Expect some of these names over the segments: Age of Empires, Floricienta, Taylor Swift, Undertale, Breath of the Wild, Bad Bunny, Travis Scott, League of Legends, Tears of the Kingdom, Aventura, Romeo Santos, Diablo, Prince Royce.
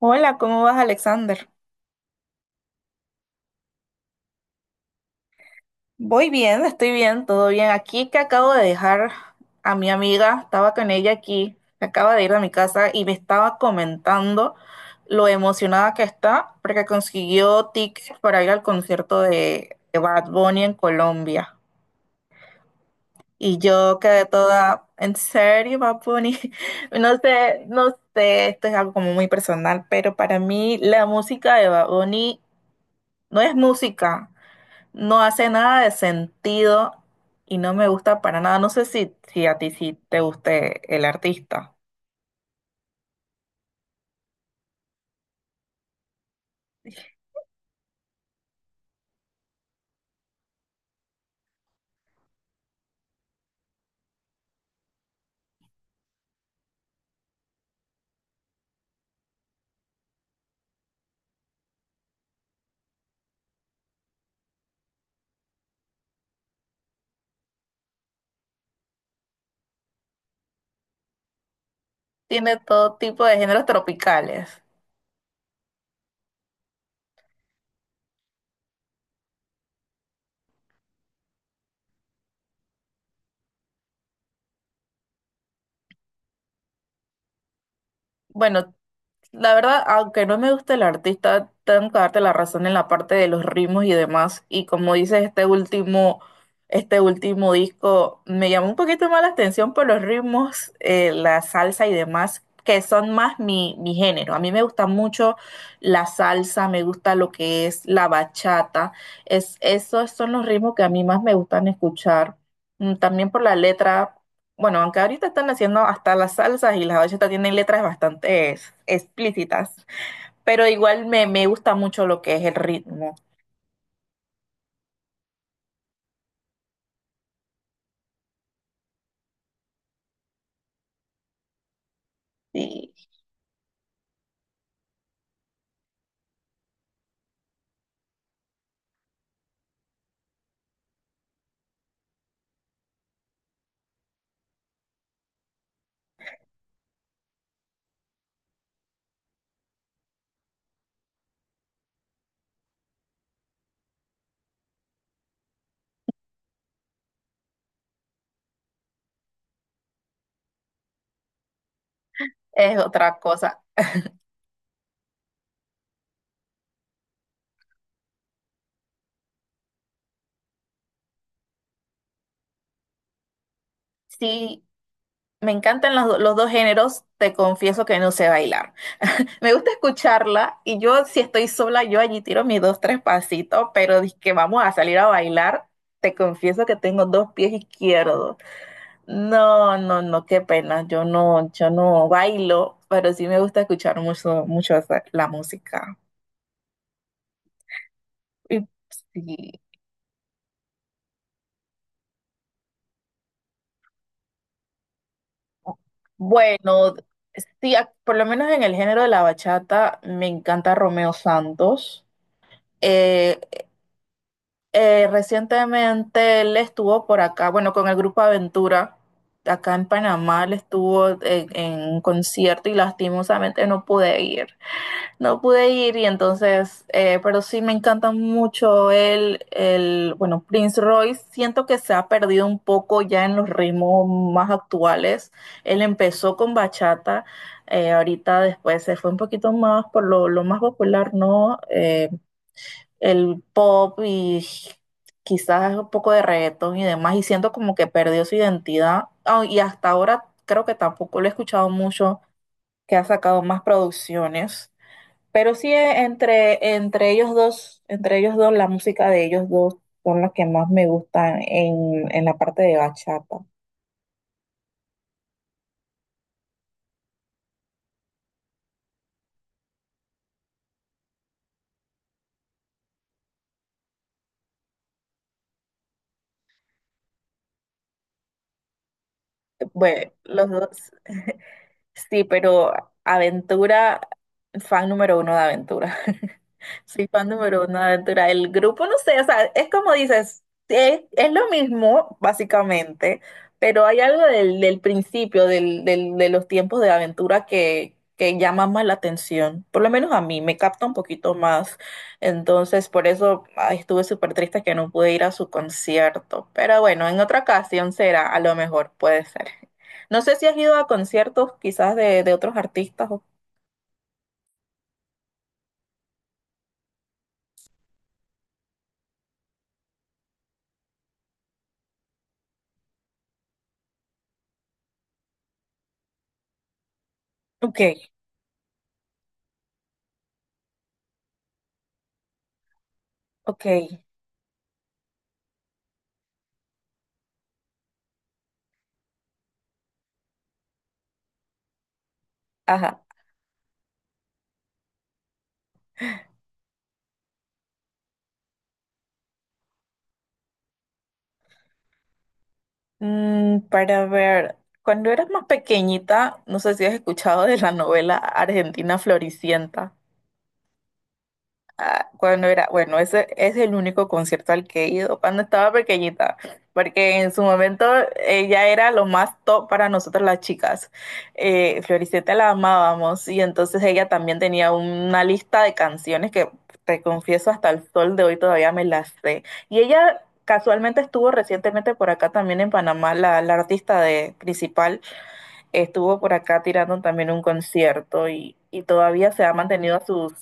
Hola, ¿cómo vas, Alexander? Voy bien, estoy bien, todo bien. Aquí que acabo de dejar a mi amiga, estaba con ella aquí, acaba de ir a mi casa y me estaba comentando lo emocionada que está porque consiguió tickets para ir al concierto de Bad Bunny en Colombia. Y yo quedé toda, ¿en serio, Bad Bunny? No sé, esto es algo como muy personal, pero para mí la música de Bad Bunny no es música. No hace nada de sentido y no me gusta para nada. No sé si a ti sí te guste el artista. Tiene todo tipo de géneros tropicales. Bueno, la verdad, aunque no me gusta el artista, tengo que darte la razón en la parte de los ritmos y demás. Y como dices, este último disco me llamó un poquito más la atención por los ritmos, la salsa y demás, que son más mi género. A mí me gusta mucho la salsa, me gusta lo que es la bachata. Esos son los ritmos que a mí más me gustan escuchar. También por la letra. Bueno, aunque ahorita están haciendo hasta las salsas y las bachetas tienen letras bastante explícitas, pero igual me gusta mucho lo que es el ritmo. Sí, es otra cosa. Sí, me encantan los dos géneros, te confieso que no sé bailar. Me gusta escucharla y yo si estoy sola, yo allí tiro mis dos, tres pasitos, pero que vamos a salir a bailar, te confieso que tengo dos pies izquierdos. No, no, no, qué pena. Yo no bailo, pero sí me gusta escuchar mucho, mucho la música. Y sí. Bueno, sí, por lo menos en el género de la bachata me encanta Romeo Santos. Eh, recientemente él estuvo por acá, bueno, con el grupo Aventura, acá en Panamá, él estuvo en un concierto y lastimosamente no pude ir. No pude ir y entonces, pero sí me encanta mucho bueno, Prince Royce. Siento que se ha perdido un poco ya en los ritmos más actuales. Él empezó con bachata, ahorita después se fue un poquito más por lo más popular, ¿no? El pop y quizás un poco de reggaetón y demás. Y siento como que perdió su identidad. Ah, y hasta ahora creo que tampoco lo he escuchado mucho, que ha sacado más producciones. Pero sí entre ellos dos, la música de ellos dos son las que más me gustan en la parte de bachata. Bueno, los dos. Sí, pero Aventura, fan número 1 de Aventura. Soy fan número 1 de Aventura. El grupo, no sé, o sea, es como dices, es lo mismo, básicamente, pero hay algo del principio, de los tiempos de Aventura que llama más la atención. Por lo menos a mí, me capta un poquito más. Entonces, por eso ay, estuve súper triste que no pude ir a su concierto. Pero bueno, en otra ocasión será, a lo mejor, puede ser. No sé si has ido a conciertos quizás de otros artistas. Ok, ok, ajá. Mm, para ver, cuando eras más pequeñita, no sé si has escuchado de la novela Argentina Floricienta. Ah, cuando era, bueno, ese es el único concierto al que he ido cuando estaba pequeñita, porque en su momento ella era lo más top para nosotras las chicas. Floricienta la amábamos y entonces ella también tenía una lista de canciones que te confieso hasta el sol de hoy todavía me las sé. Y ella casualmente estuvo recientemente por acá también en Panamá, la artista de, principal estuvo por acá tirando también un concierto y todavía se ha mantenido a sus,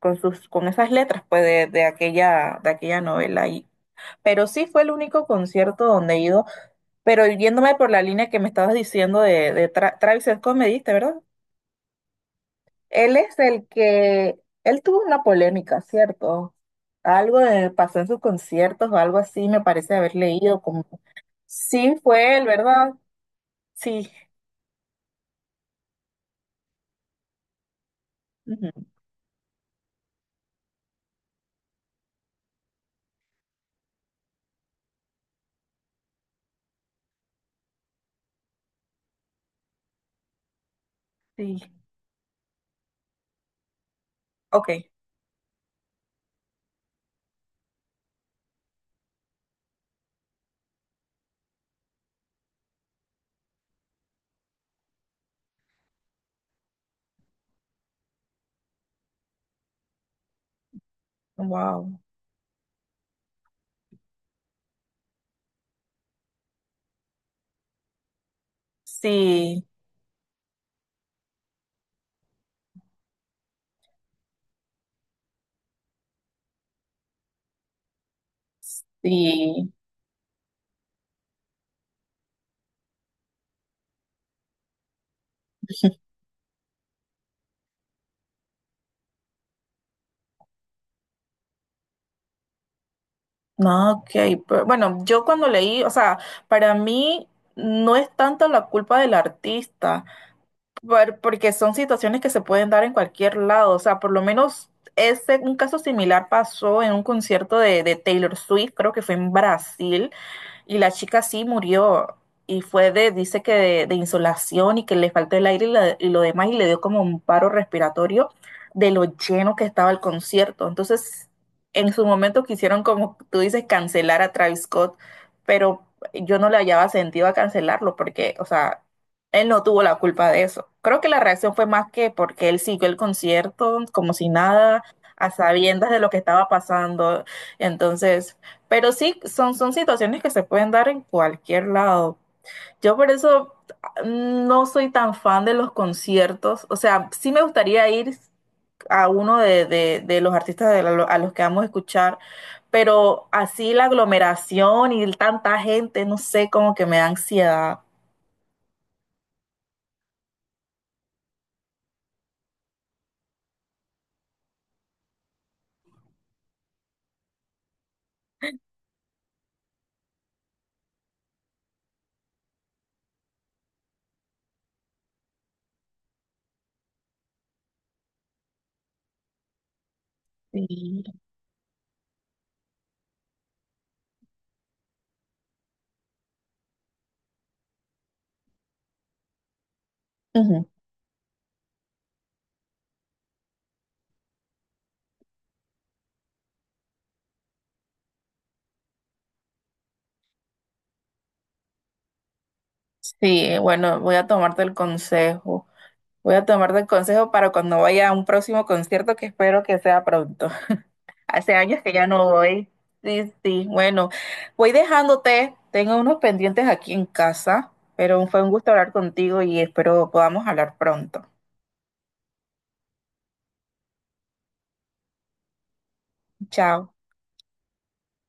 con sus, con esas letras pues de aquella novela y, pero sí fue el único concierto donde he ido, pero yéndome por la línea que me estabas diciendo de Travis Scott, me diste, ¿verdad? Él es el que, él tuvo una polémica, ¿cierto? Algo pasó en sus conciertos o algo así, me parece haber leído como, sí fue él, ¿verdad? Sí, ujú, sí, ok, wow. Sí, sí. No, ok. Pero bueno, yo cuando leí, o sea, para mí no es tanto la culpa del artista, porque son situaciones que se pueden dar en cualquier lado. O sea, por lo menos ese, un caso similar pasó en un concierto de Taylor Swift, creo que fue en Brasil. Y la chica sí murió y fue dice que de insolación y que le faltó el aire y lo demás y le dio como un paro respiratorio de lo lleno que estaba el concierto. Entonces, en su momento quisieron, como tú dices, cancelar a Travis Scott, pero yo no le hallaba sentido a cancelarlo porque, o sea, él no tuvo la culpa de eso. Creo que la reacción fue más que porque él siguió el concierto como si nada, a sabiendas de lo que estaba pasando. Entonces... Pero sí, son situaciones que se pueden dar en cualquier lado. Yo por eso no soy tan fan de los conciertos. O sea, sí me gustaría ir a uno de los artistas de a los que vamos a escuchar, pero así la aglomeración y tanta gente, no sé, como que me da ansiedad. Sí, ujú. Sí, bueno, voy a tomarte el consejo. Voy a tomarte el consejo para cuando vaya a un próximo concierto que espero que sea pronto. Hace años que ya no voy. Sí, sí, bueno, voy dejándote. Tengo unos pendientes aquí en casa, pero fue un gusto hablar contigo y espero podamos hablar pronto. Chao.